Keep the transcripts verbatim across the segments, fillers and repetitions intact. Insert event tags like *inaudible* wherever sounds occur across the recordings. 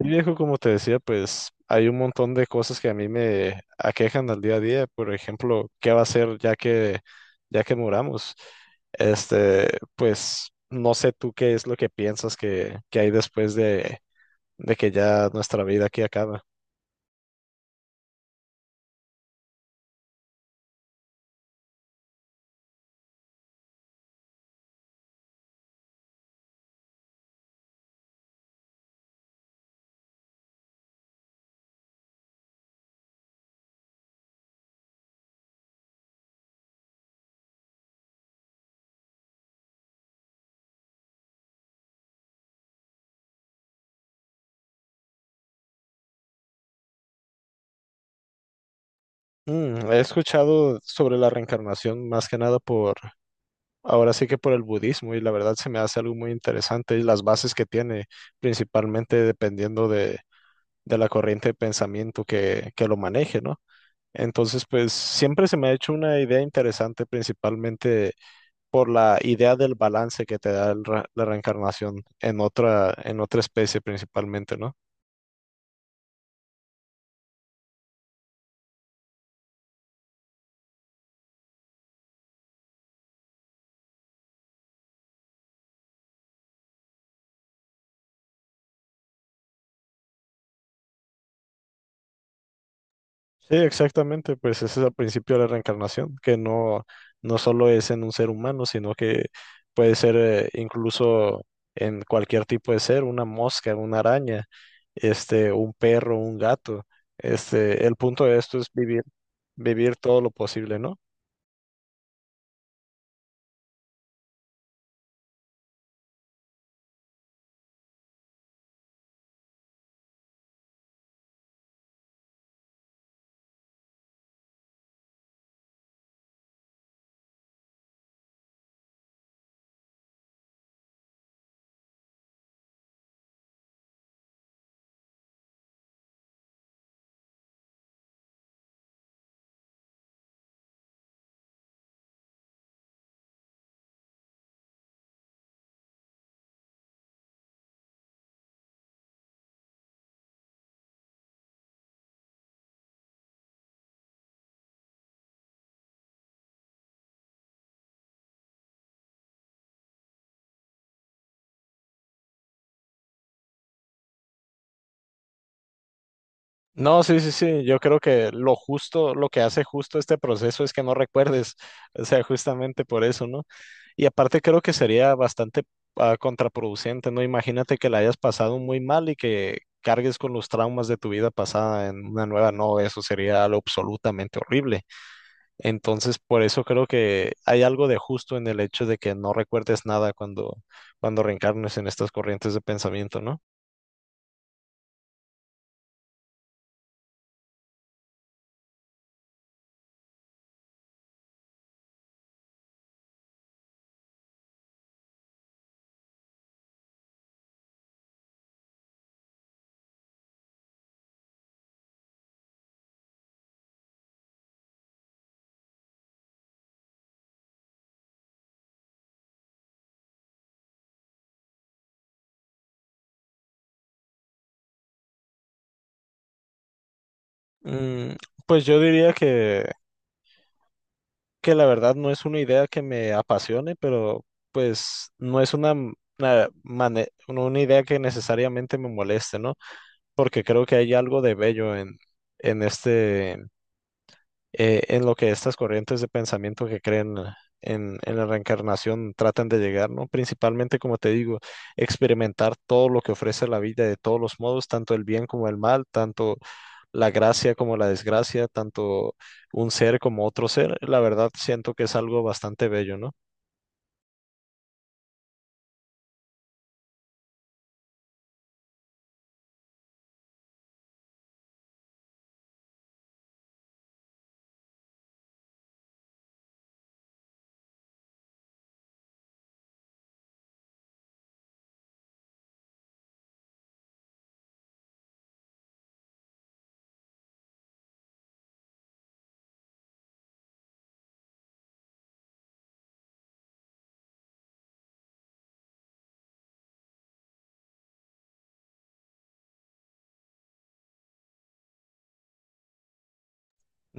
Y viejo, como te decía, pues hay un montón de cosas que a mí me aquejan al día a día. Por ejemplo, ¿qué va a ser ya que ya que muramos? Este, pues no sé tú qué es lo que piensas que, que hay después de, de que ya nuestra vida aquí acaba. Mm, he escuchado sobre la reencarnación más que nada por, ahora sí que por el budismo, y la verdad se me hace algo muy interesante, y las bases que tiene, principalmente dependiendo de, de la corriente de pensamiento que, que lo maneje, ¿no? Entonces, pues siempre se me ha hecho una idea interesante, principalmente por la idea del balance que te da el re- la reencarnación en otra, en otra especie principalmente, ¿no? Sí, exactamente, pues ese es el principio de la reencarnación, que no, no solo es en un ser humano, sino que puede ser eh, incluso en cualquier tipo de ser, una mosca, una araña, este, un perro, un gato. Este, el punto de esto es vivir, vivir todo lo posible, ¿no? No, sí, sí, sí, yo creo que lo justo, lo que hace justo este proceso es que no recuerdes, *laughs* o sea, justamente por eso, ¿no? Y aparte creo que sería bastante ah, contraproducente, ¿no? Imagínate que la hayas pasado muy mal y que cargues con los traumas de tu vida pasada en una nueva, no, eso sería algo absolutamente horrible. Entonces, por eso creo que hay algo de justo en el hecho de que no recuerdes nada cuando, cuando reencarnes en estas corrientes de pensamiento, ¿no? Mm, pues yo diría que que la verdad no es una idea que me apasione, pero pues no es una, m- una, mane- no, una idea que necesariamente me moleste, ¿no? Porque creo que hay algo de bello en, en este eh, en lo que estas corrientes de pensamiento que creen eh, en, en la reencarnación tratan de llegar, ¿no? Principalmente, como te digo, experimentar todo lo que ofrece la vida de todos los modos, tanto el bien como el mal, tanto la gracia como la desgracia, tanto un ser como otro ser, la verdad siento que es algo bastante bello, ¿no?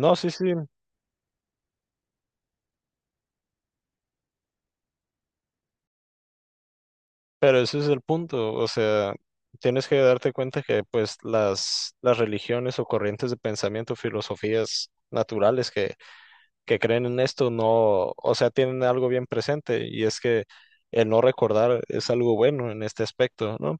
No, sí, sí, pero ese es el punto, o sea, tienes que darte cuenta que pues las, las religiones o corrientes de pensamiento, filosofías naturales que que creen en esto no, o sea, tienen algo bien presente y es que el no recordar es algo bueno en este aspecto, ¿no?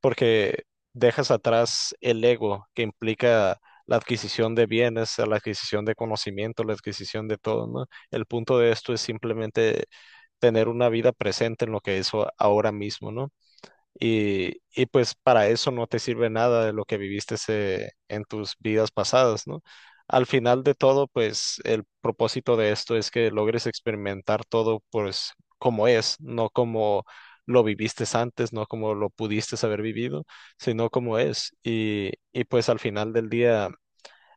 Porque dejas atrás el ego que implica la adquisición de bienes, la adquisición de conocimiento, la adquisición de todo, ¿no? El punto de esto es simplemente tener una vida presente en lo que es o- ahora mismo, ¿no? Y, y pues para eso no te sirve nada de lo que viviste ese- en tus vidas pasadas, ¿no? Al final de todo, pues el propósito de esto es que logres experimentar todo pues como es, no como lo viviste antes, no como lo pudiste haber vivido, sino como es. Y, y pues al final del día,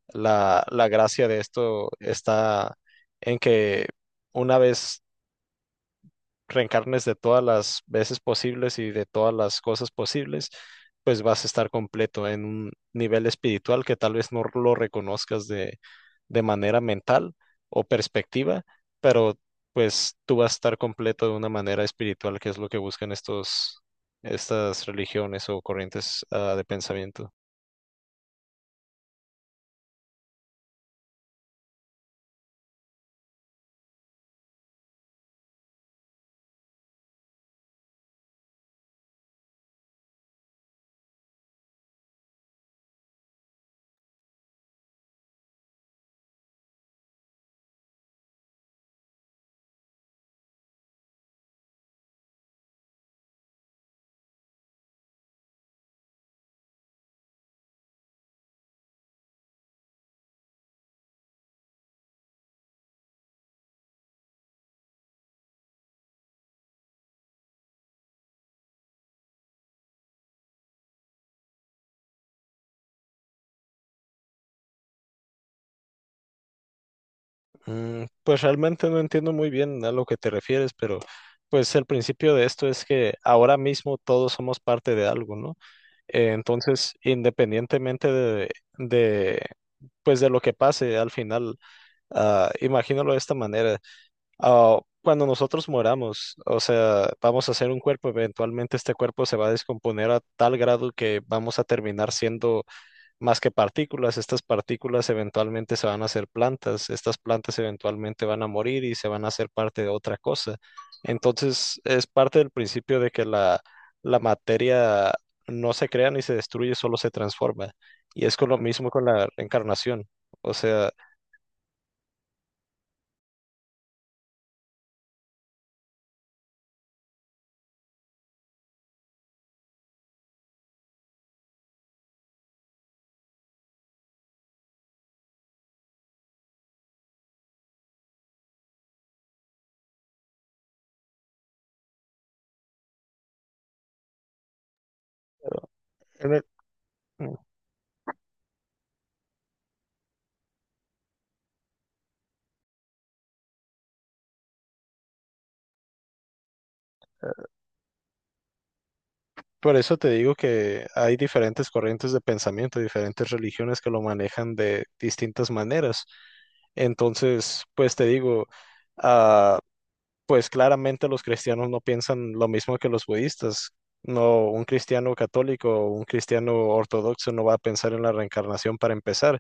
la, la gracia de esto está en que una vez reencarnes de todas las veces posibles y de todas las cosas posibles, pues vas a estar completo en un nivel espiritual que tal vez no lo reconozcas de, de manera mental o perspectiva, pero pues tú vas a estar completo de una manera espiritual, que es lo que buscan estos, estas religiones o corrientes, ah, de pensamiento. Mm, pues realmente no entiendo muy bien a lo que te refieres, pero pues el principio de esto es que ahora mismo todos somos parte de algo, ¿no? Eh, entonces, independientemente de, de, pues de lo que pase al final, ah, imagínalo de esta manera. Ah, cuando nosotros moramos, o sea, vamos a ser un cuerpo, eventualmente este cuerpo se va a descomponer a tal grado que vamos a terminar siendo más que partículas. Estas partículas eventualmente se van a hacer plantas, estas plantas eventualmente van a morir y se van a hacer parte de otra cosa. Entonces, es parte del principio de que la, la materia no se crea ni se destruye, solo se transforma. Y es con lo mismo con la reencarnación. O sea, en el- por eso te digo que hay diferentes corrientes de pensamiento, diferentes religiones que lo manejan de distintas maneras. Entonces, pues te digo, ah, pues claramente los cristianos no piensan lo mismo que los budistas. No, un cristiano católico o un cristiano ortodoxo no va a pensar en la reencarnación para empezar,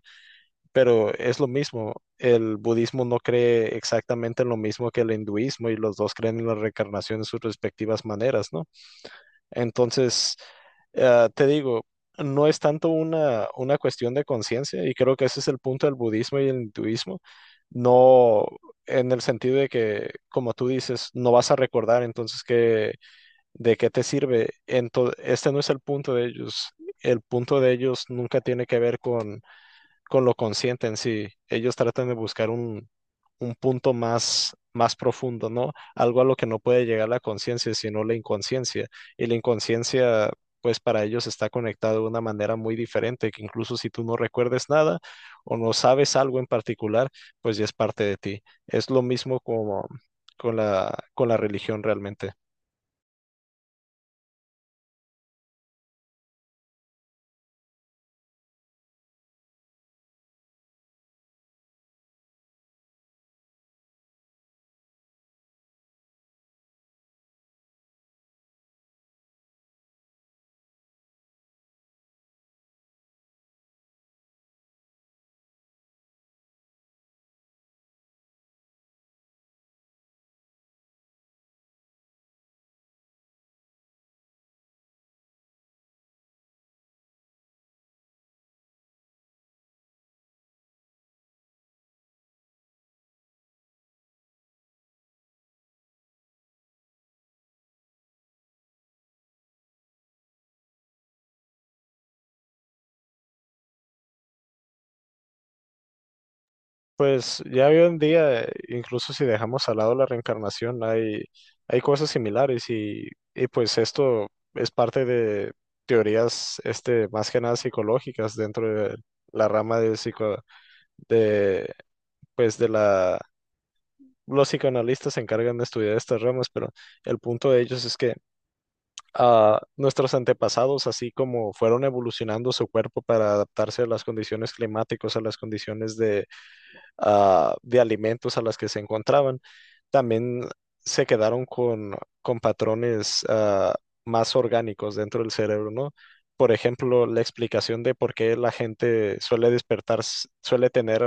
pero es lo mismo. El budismo no cree exactamente en lo mismo que el hinduismo, y los dos creen en la reencarnación en sus respectivas maneras, ¿no? Entonces, eh, te digo, no es tanto una, una cuestión de conciencia, y creo que ese es el punto del budismo y el hinduismo, no en el sentido de que, como tú dices, no vas a recordar, entonces, ¿qué, de qué te sirve? Entonces, este no es el punto de ellos. El punto de ellos nunca tiene que ver con con lo consciente en sí. Ellos tratan de buscar un, un punto más, más profundo, ¿no? Algo a lo que no puede llegar la conciencia, sino la inconsciencia. Y la inconsciencia, pues para ellos está conectada de una manera muy diferente, que incluso si tú no recuerdes nada o no sabes algo en particular, pues ya es parte de ti. Es lo mismo como con la, con la religión realmente. Pues ya hoy en día, eh, incluso si dejamos al lado la reencarnación, hay, hay cosas similares y, y pues esto es parte de teorías este, más que nada psicológicas dentro de la rama de psico, de, pues de la, los psicoanalistas se encargan de estudiar estas ramas, pero el punto de ellos es que ah, nuestros antepasados, así como fueron evolucionando su cuerpo para adaptarse a las condiciones climáticas, a las condiciones de ah, de alimentos a las que se encontraban, también se quedaron con, con patrones ah, más orgánicos dentro del cerebro, ¿no? Por ejemplo, la explicación de por qué la gente suele despertar, s- suele tener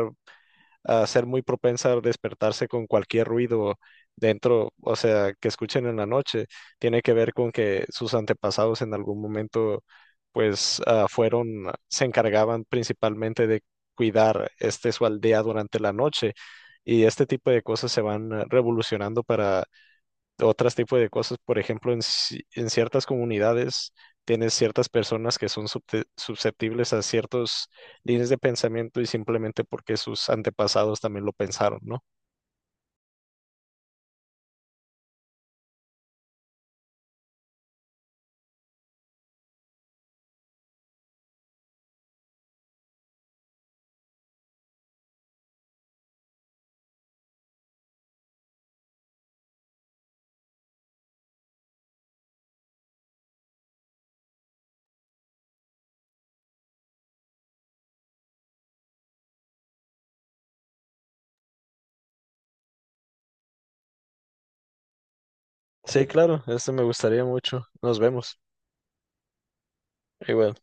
a ser muy propensa a despertarse con cualquier ruido dentro, o sea, que escuchen en la noche, tiene que ver con que sus antepasados en algún momento, pues, ah, fueron, se encargaban principalmente de cuidar este su aldea durante la noche, y este tipo de cosas se van ah, revolucionando para otros tipos de cosas. Por ejemplo, en, ci- en ciertas comunidades tienes ciertas personas que son subte- susceptibles a ciertas líneas de pensamiento, y simplemente porque sus antepasados también lo pensaron, ¿no? Sí, claro, esto me gustaría mucho. Nos vemos. Igual.